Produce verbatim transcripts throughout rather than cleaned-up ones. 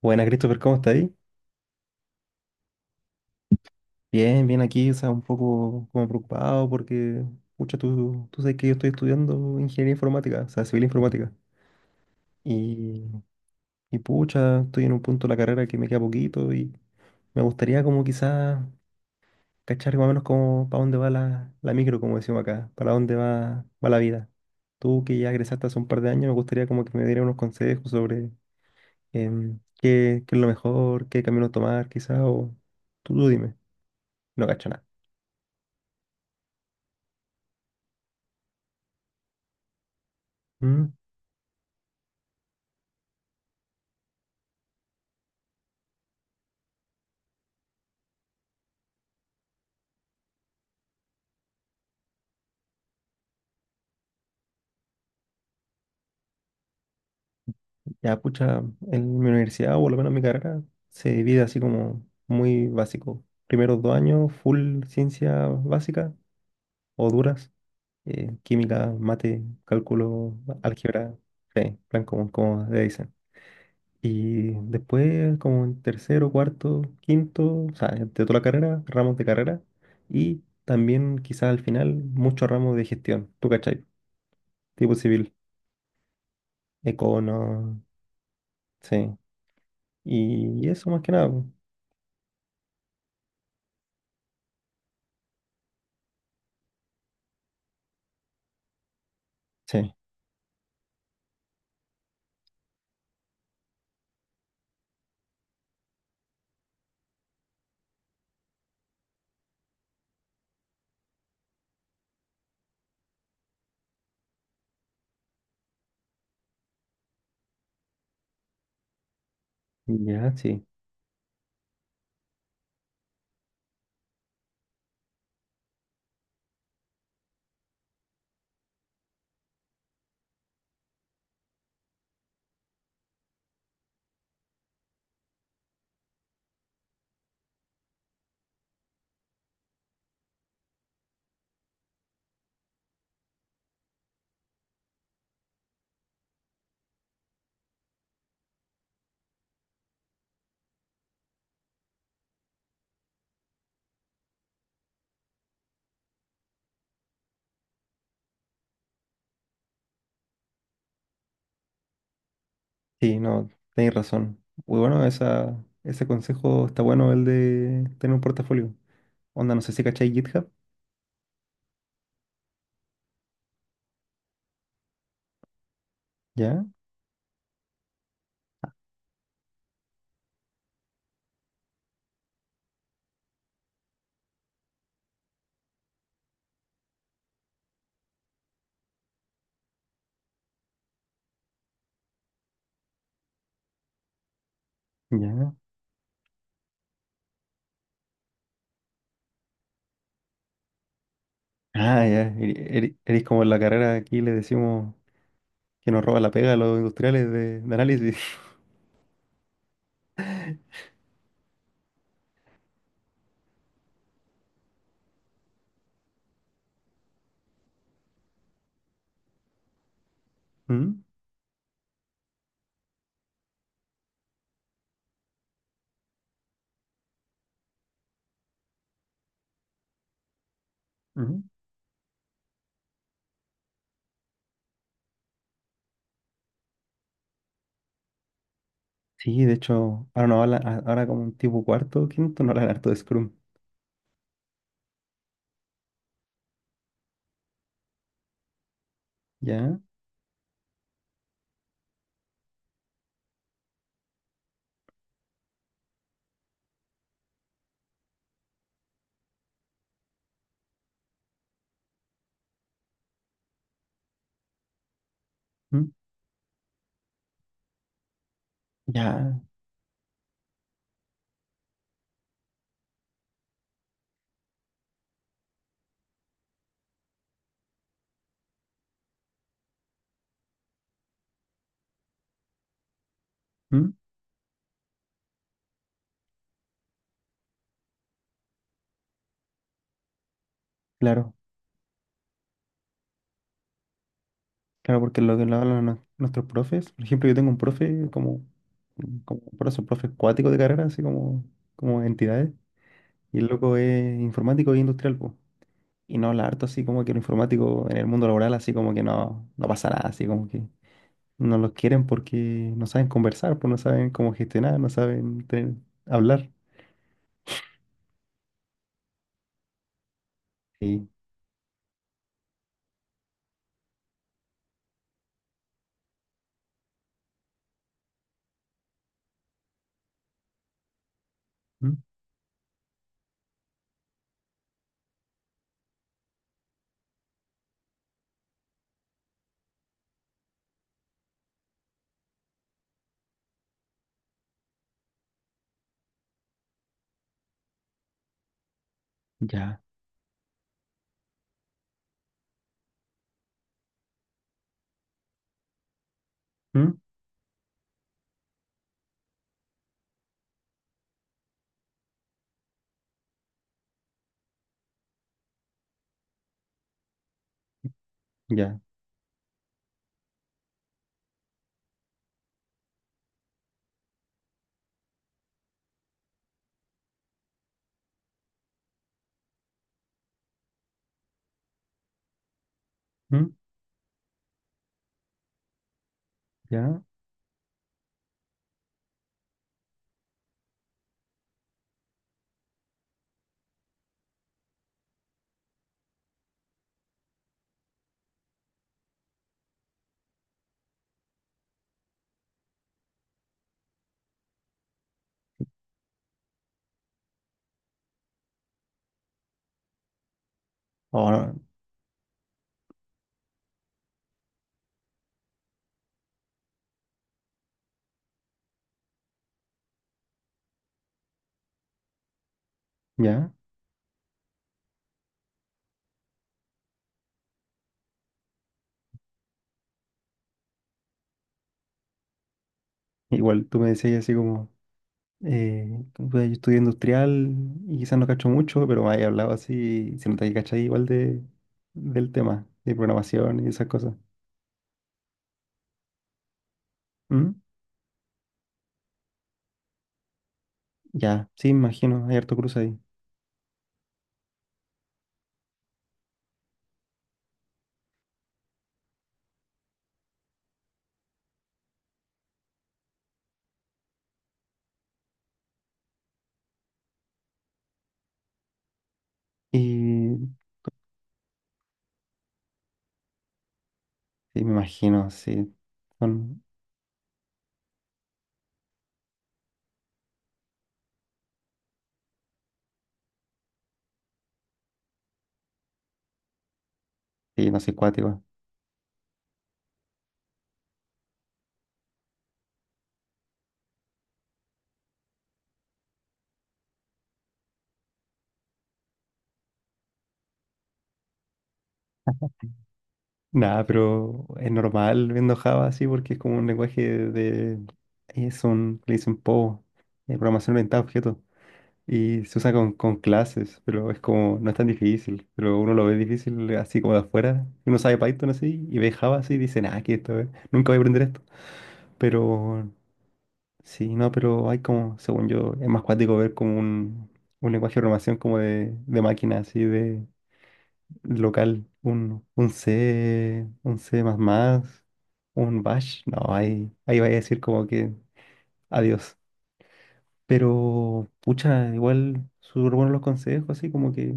Buena, Christopher, ¿cómo estás ahí? Bien, bien aquí, o sea, un poco como preocupado porque, pucha, tú, tú sabes que yo estoy estudiando ingeniería informática, o sea, civil informática. Y, y pucha, estoy en un punto de la carrera que me queda poquito y me gustaría como quizás cachar más o menos como para dónde va la, la micro, como decimos acá, para dónde va, va la vida. Tú que ya egresaste hace un par de años, me gustaría como que me dieras unos consejos sobre em, qué, qué es lo mejor, qué camino tomar, quizás, o tú, tú dime, no cacho nada. ¿Mm? Ya, pucha, en mi universidad, o por lo menos en mi carrera, se divide así como muy básico. Primeros dos años, full ciencia básica o duras, eh, química, mate, cálculo, álgebra, sí, plan común, como le dicen. Y después, como en tercero, cuarto, quinto, o sea, de toda la carrera, ramos de carrera, y también quizás al final, muchos ramos de gestión, ¿tú cachai? Tipo civil, econo, sí. Y eso más que nada, pues, sí. Ya, sí. Sí, no, tenéis razón. Muy bueno, esa, ese consejo está bueno, el de tener un portafolio. Onda, no sé si cacháis GitHub. Ya, ya. Ah, ya. eri- eri- Eres como en la carrera aquí le decimos que nos roba la pega a los industriales de, de análisis. Mm, mm. Sí, de hecho, ahora no hablan, a- ahora como un tipo cuarto, quinto, no hablan harto de Scrum. Ya, mm, ya, mm, claro. Claro, porque lo que lo hablan a nuestros profes, por ejemplo, yo tengo un profe como, como, por eso, profe acuático de carrera, así como, como entidades, y el loco es informático e industrial, po. Y no habla harto así como que lo informático en el mundo laboral, así como que no, no pasa nada, así como que no los quieren porque no saben conversar, pues no saben cómo gestionar, no saben tener- hablar. Sí, ¿Mm? Ya, ¿Mm? Ya, ¿Mm? Ya, ahora, ya. Igual tú me decías así como. Eh, pues, yo estudié industrial y quizás no cacho mucho, pero me había hablado así, se nota que cachai igual de, del tema, de programación y esas cosas. ¿Mm? Ya, sí, me imagino, hay harto cruce ahí. Y sí, me imagino, sí, son, sí, no sé, cuáticos. Nada, pero es normal viendo Java así porque es como un lenguaje de, es un, le dicen P O, eh, programación orientada a objetos. Y se usa con, con clases, pero es como, no es tan difícil, pero uno lo ve difícil así como de afuera. Uno sabe Python así y ve Java así y dice, nada, que esto es, nunca voy a aprender esto. Pero sí, no, pero hay como, según yo, es más cuático ver como un, un lenguaje de programación como de, de, máquina, así de local, un, un C, un C++, un Bash. No, ahí, ahí vaya a decir como que adiós. Pero, pucha, igual súper buenos los consejos, así como que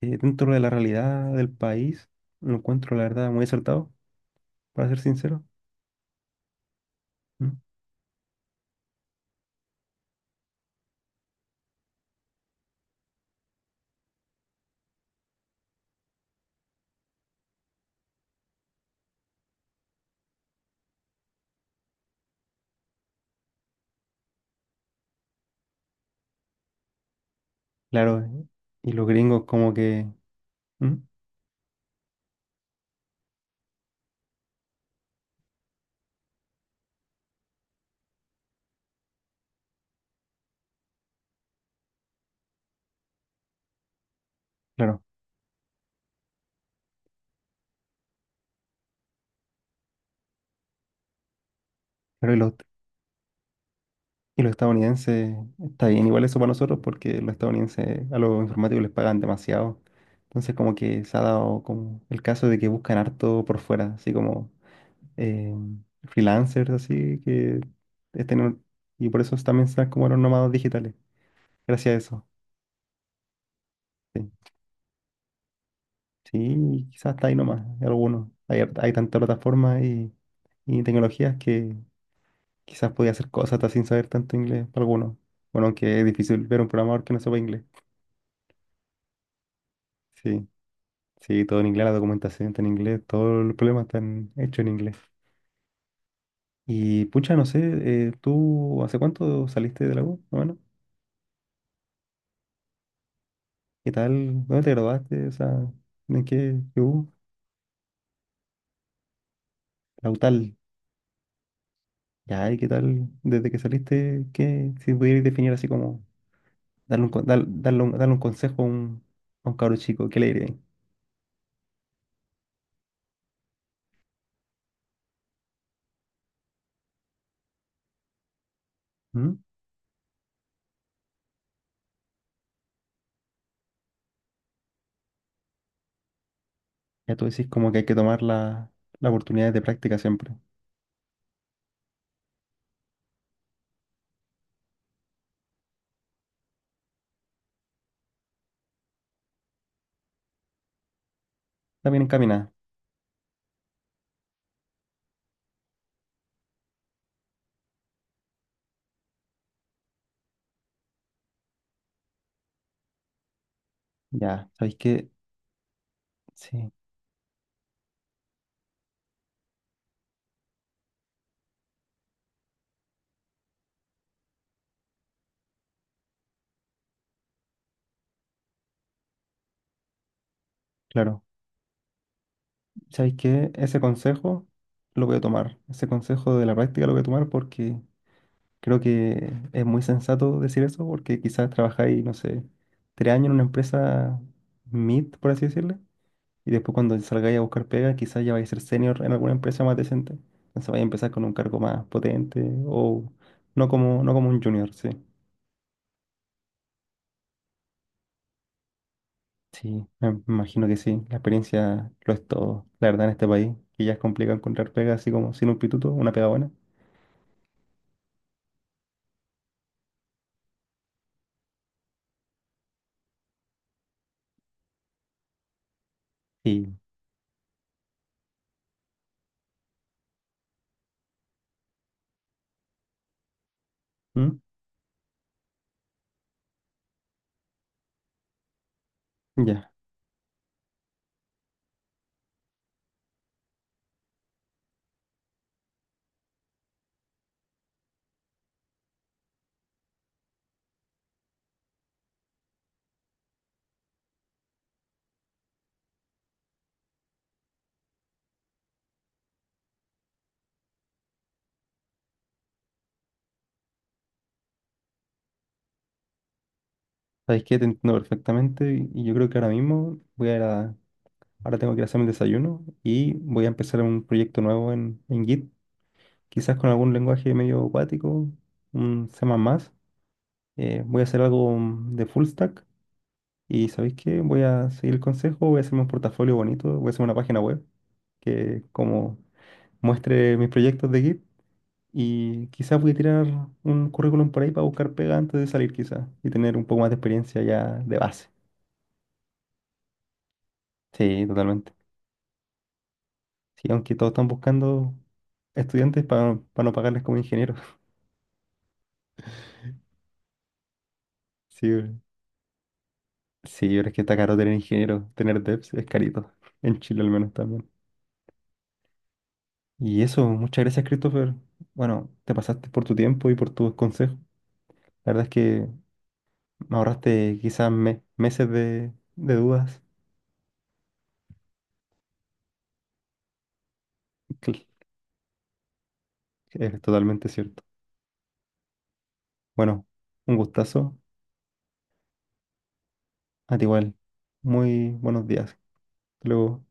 eh, dentro de la realidad del país, lo encuentro, la verdad, muy acertado, para ser sincero. ¿Mm? Claro, eh, y los gringos como que, ¿Mm? Claro, pero y los, y los estadounidenses, está bien igual eso para nosotros porque los estadounidenses a los informáticos les pagan demasiado. Entonces como que se ha dado como el caso de que buscan harto por fuera, así como eh, freelancers, así que es tener- y por eso también están como los nómadas digitales, gracias a eso. Sí. Sí, quizás está ahí nomás, algunos. Hay, har- hay tantas plataformas y, y tecnologías que quizás podía hacer cosas hasta sin saber tanto inglés para algunos. Bueno, aunque es difícil ver un programador que no sepa inglés. Sí, sí, todo en inglés, la documentación está en inglés, todos los problemas están hechos en inglés. Y pucha, no sé, eh, ¿tú hace cuánto saliste de la U? Bueno, ¿qué tal? ¿Dónde te graduaste? O sea, ¿en qué qué U? La UTAL. Ya, ¿y qué tal? Desde que saliste, ¿qué? Si pudieras definir así como Darle un, con- dar- darle un, darle un consejo a un, a un cabro chico, ¿qué le dirías? ¿Mm? Ya tú decís como que hay que tomar la, las oportunidades de práctica siempre. Está bien encaminada. Ya, ¿sabéis qué? Sí, claro. ¿Sabéis qué? Ese consejo lo voy a tomar. Ese consejo de la práctica lo voy a tomar porque creo que es muy sensato decir eso porque quizás trabajáis, no sé, tres años en una empresa mid, por así decirlo. Y después cuando salgáis a buscar pega, quizás ya vais a ser senior en alguna empresa más decente. Entonces vais a empezar con un cargo más potente o no como, no como un junior, sí. Sí, me me imagino que sí. La experiencia lo es todo, la verdad, en este país. Que ya es complicado encontrar pega así como sin un pituto, una pega buena. Sí. ¿Mm? Ya, sabéis que te entiendo perfectamente y y yo creo que ahora mismo voy a ir a- Ahora tengo que ir a hacerme el desayuno y voy a empezar un proyecto nuevo en, en Git, quizás con algún lenguaje medio acuático, un C++. Eh, voy a hacer algo mm, de full stack y ¿sabéis qué? Voy a seguir el consejo, voy a hacerme un portafolio bonito, voy a hacer una página web que como muestre mis proyectos de Git y quizás voy a tirar un currículum por ahí para buscar pega antes de salir quizás y tener un poco más de experiencia ya de base. Sí, totalmente. Sí, aunque todos están buscando estudiantes para, para no pagarles como ingenieros. Sí, sí, pero es que está caro tener ingenieros, tener devs es carito, en Chile al menos también. Y eso, muchas gracias, Christopher. Bueno, te pasaste por tu tiempo y por tus consejos. La verdad es que me ahorraste quizás me- meses de, de dudas. Cl- Es totalmente cierto. Bueno, un gustazo. A ti igual. Muy buenos días. Hasta luego.